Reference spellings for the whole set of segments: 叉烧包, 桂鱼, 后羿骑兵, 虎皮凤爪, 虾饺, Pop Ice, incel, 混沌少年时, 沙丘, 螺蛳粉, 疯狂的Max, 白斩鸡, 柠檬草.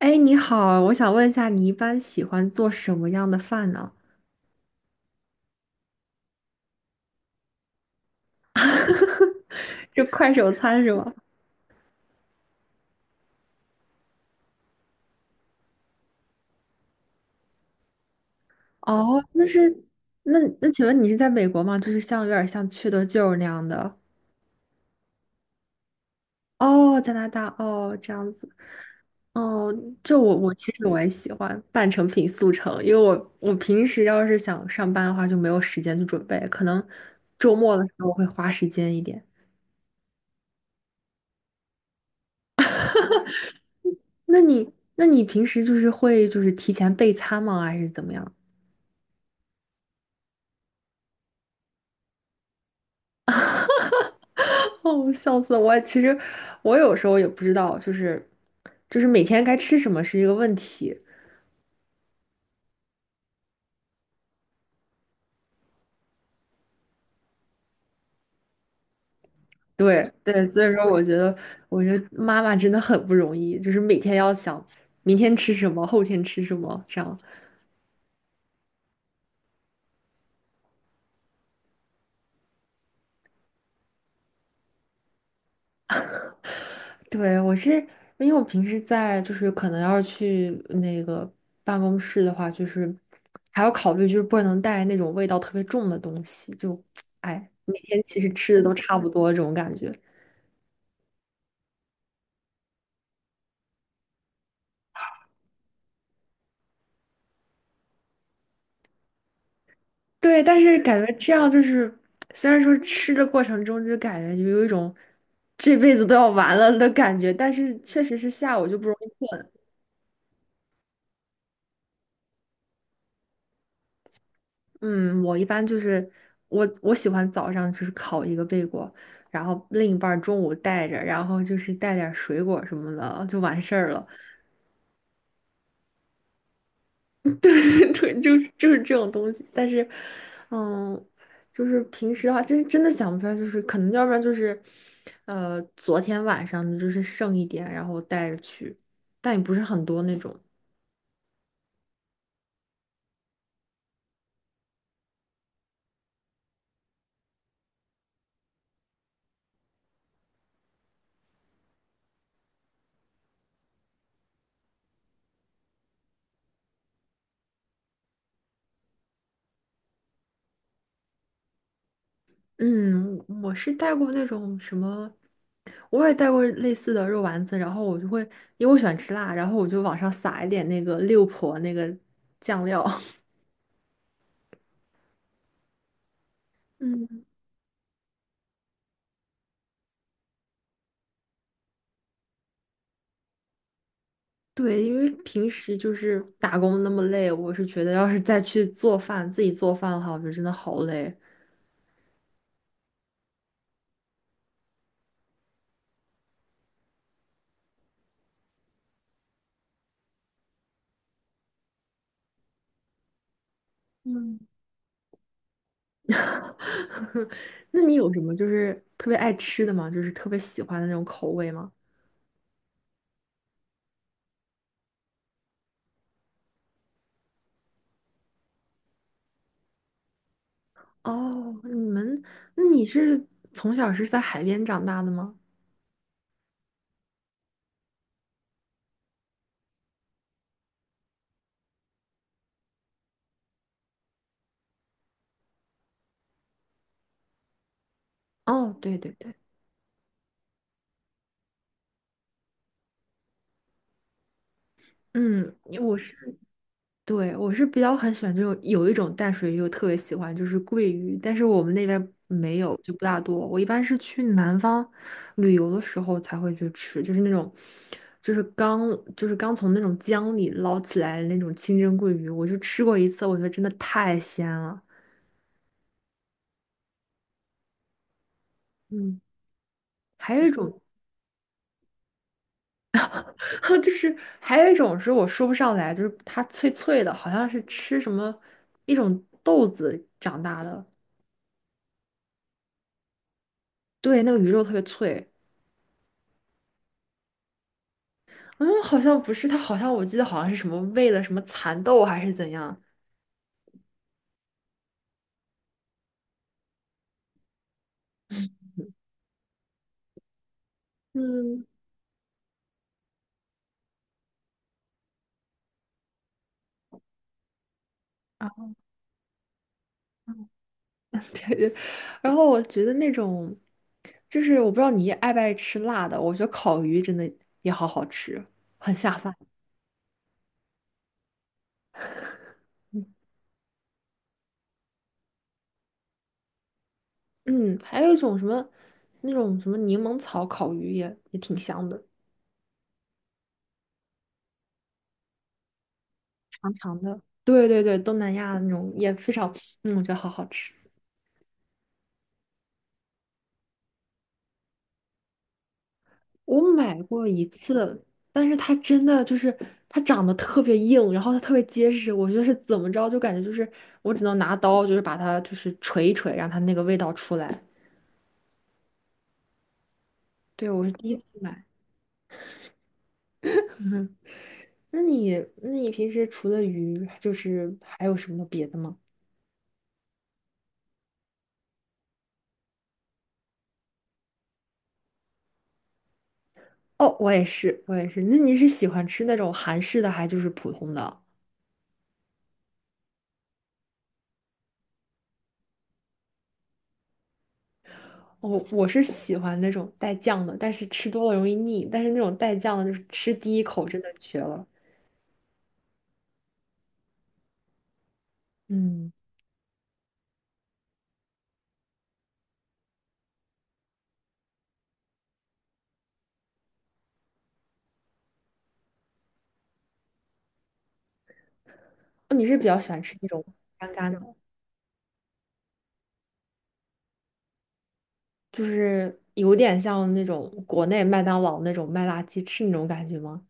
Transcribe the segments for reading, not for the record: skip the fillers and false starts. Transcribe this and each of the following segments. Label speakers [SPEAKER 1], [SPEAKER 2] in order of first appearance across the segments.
[SPEAKER 1] 哎，你好，我想问一下，你一般喜欢做什么样的饭呢？就快手餐是吗？哦，那是，请问你是在美国吗？就是像有点像缺德舅那样的。哦，加拿大，哦，这样子，哦，就我其实我也喜欢半成品速成，因为我平时要是想上班的话就没有时间去准备，可能周末的时候会花时间一点。那你平时就是会就是提前备餐吗？还是怎么样？哦，笑死了我！其实我有时候也不知道，就是每天该吃什么是一个问题。对对，所以说我觉得，我觉得妈妈真的很不容易，就是每天要想明天吃什么，后天吃什么，这样。对，我是因为我平时在就是可能要是去那个办公室的话，就是还要考虑就是不能带那种味道特别重的东西，就哎，每天其实吃的都差不多这种感觉。对，但是感觉这样就是，虽然说吃的过程中就感觉有一种这辈子都要完了的感觉，但是确实是下午就不容易困。嗯，我一般就是我喜欢早上就是烤一个贝果，然后另一半儿中午带着，然后就是带点儿水果什么的就完事儿了。对对，就是这种东西。但是，嗯，就是平时的话，真的想不出来，就是可能要不然就是，昨天晚上的就是剩一点，然后带着去，但也不是很多那种。嗯，我是带过那种什么，我也带过类似的肉丸子，然后我就会，因为我喜欢吃辣，然后我就往上撒一点那个六婆那个酱料。嗯。对，因为平时就是打工那么累，我是觉得要是再去做饭，自己做饭的话，我觉得真的好累。嗯。那你有什么就是特别爱吃的吗？就是特别喜欢的那种口味吗？哦，你们，那你是从小是在海边长大的吗？哦，对对对，嗯，我是。对，我是比较很喜欢这种，有一种淡水鱼，我特别喜欢，就是桂鱼，但是我们那边没有，就不大多。我一般是去南方旅游的时候才会去吃，就是那种，就是刚就是刚从那种江里捞起来的那种清蒸桂鱼，我就吃过一次，我觉得真的太鲜了。嗯，还有一种，就是还有一种是我说不上来，就是它脆脆的，好像是吃什么一种豆子长大的，对，那个鱼肉特别脆。嗯，好像不是，他好像我记得好像是什么喂了什么蚕豆还是怎样。嗯，然后我觉得那种，就是我不知道你爱不爱吃辣的，我觉得烤鱼真的也好好吃，很下饭。嗯，嗯还有一种什么，那种什么柠檬草烤鱼也挺香的，长长的。对对对，东南亚那种也非常，嗯，我觉得好好吃。我买过一次，但是它真的就是它长得特别硬，然后它特别结实，我就是怎么着就感觉就是我只能拿刀就是把它就是锤一锤，让它那个味道出来。对，我是第一次买。嗯，那你那你平时除了鱼，就是还有什么别的吗？哦，我也是，我也是。那你是喜欢吃那种韩式的，还就是普通的？我是喜欢那种带酱的，但是吃多了容易腻，但是那种带酱的，就是吃第一口真的绝了。嗯。哦你是比较喜欢吃那种干干的，就是有点像那种国内麦当劳那种麦辣鸡翅那种感觉吗？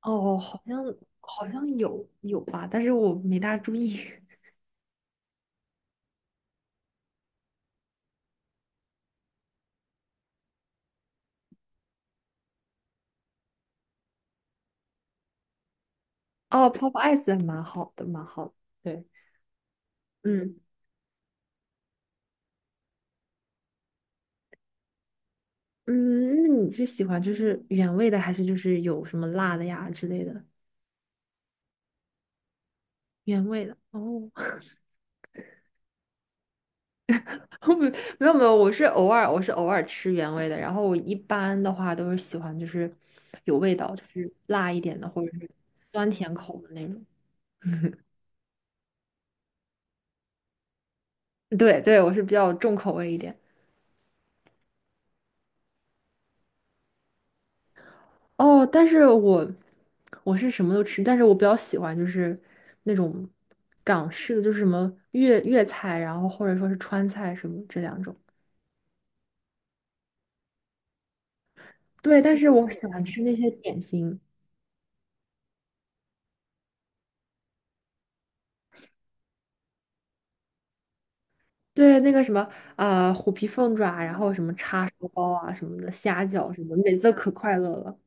[SPEAKER 1] 哦，好像有吧，但是我没大注意。哦，Pop Ice 还蛮好的，蛮好的。对，嗯嗯，那你是喜欢就是原味的，还是就是有什么辣的呀之类的？原味的哦，没有没有，我是偶尔吃原味的，然后我一般的话都是喜欢就是有味道，就是辣一点的，或者是。对对，我是比较重口味一点。哦，但是我我是什么都吃，但是我比较喜欢就是那种港式的，就是什么粤菜，然后或者说是川菜什么这两种。对，但是我喜欢吃那些点心，对那个什么虎皮凤爪，然后什么叉烧包啊什么的，虾饺什么的每次都可快乐了。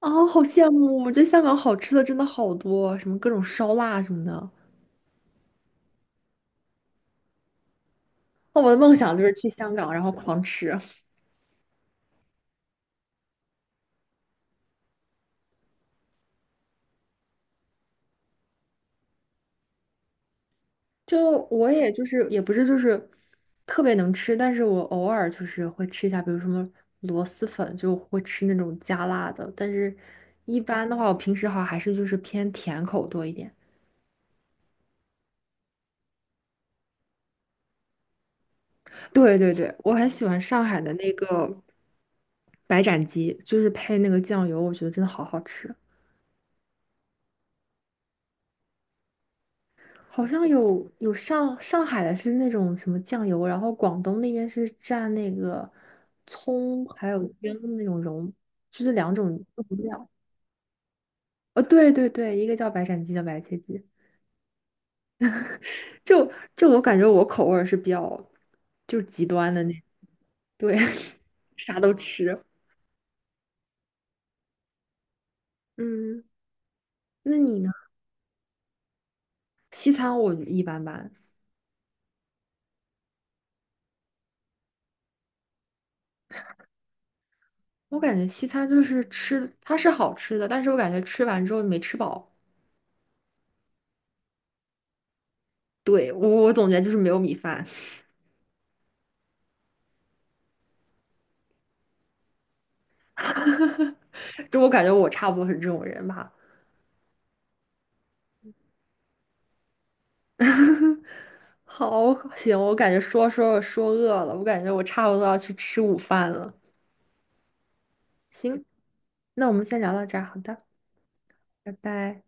[SPEAKER 1] 啊！好羡慕！我觉得香港好吃的真的好多，什么各种烧腊什么的。哦，我的梦想就是去香港，然后狂吃。就我也就是也不是就是特别能吃，但是我偶尔就是会吃一下，比如什么螺蛳粉，就会吃那种加辣的。但是一般的话，我平时好像还是就是偏甜口多一点。对对对，我很喜欢上海的那个白斩鸡，就是配那个酱油，我觉得真的好好吃。好像有有上上海的是那种什么酱油，然后广东那边是蘸那个葱还有姜的那种蓉，就是两种不一样哦，对对对，一个叫白斩鸡，叫白切鸡。就就我感觉我口味儿是比较就是极端的那，对，啥都吃。嗯，那你呢？西餐我一般般，我感觉西餐就是吃，它是好吃的，但是我感觉吃完之后没吃饱。对，我总结就是没有米饭，就我感觉我差不多是这种人吧。好，行，我感觉说饿了，我感觉我差不多要去吃午饭了。行，那我们先聊到这儿，好的。拜拜。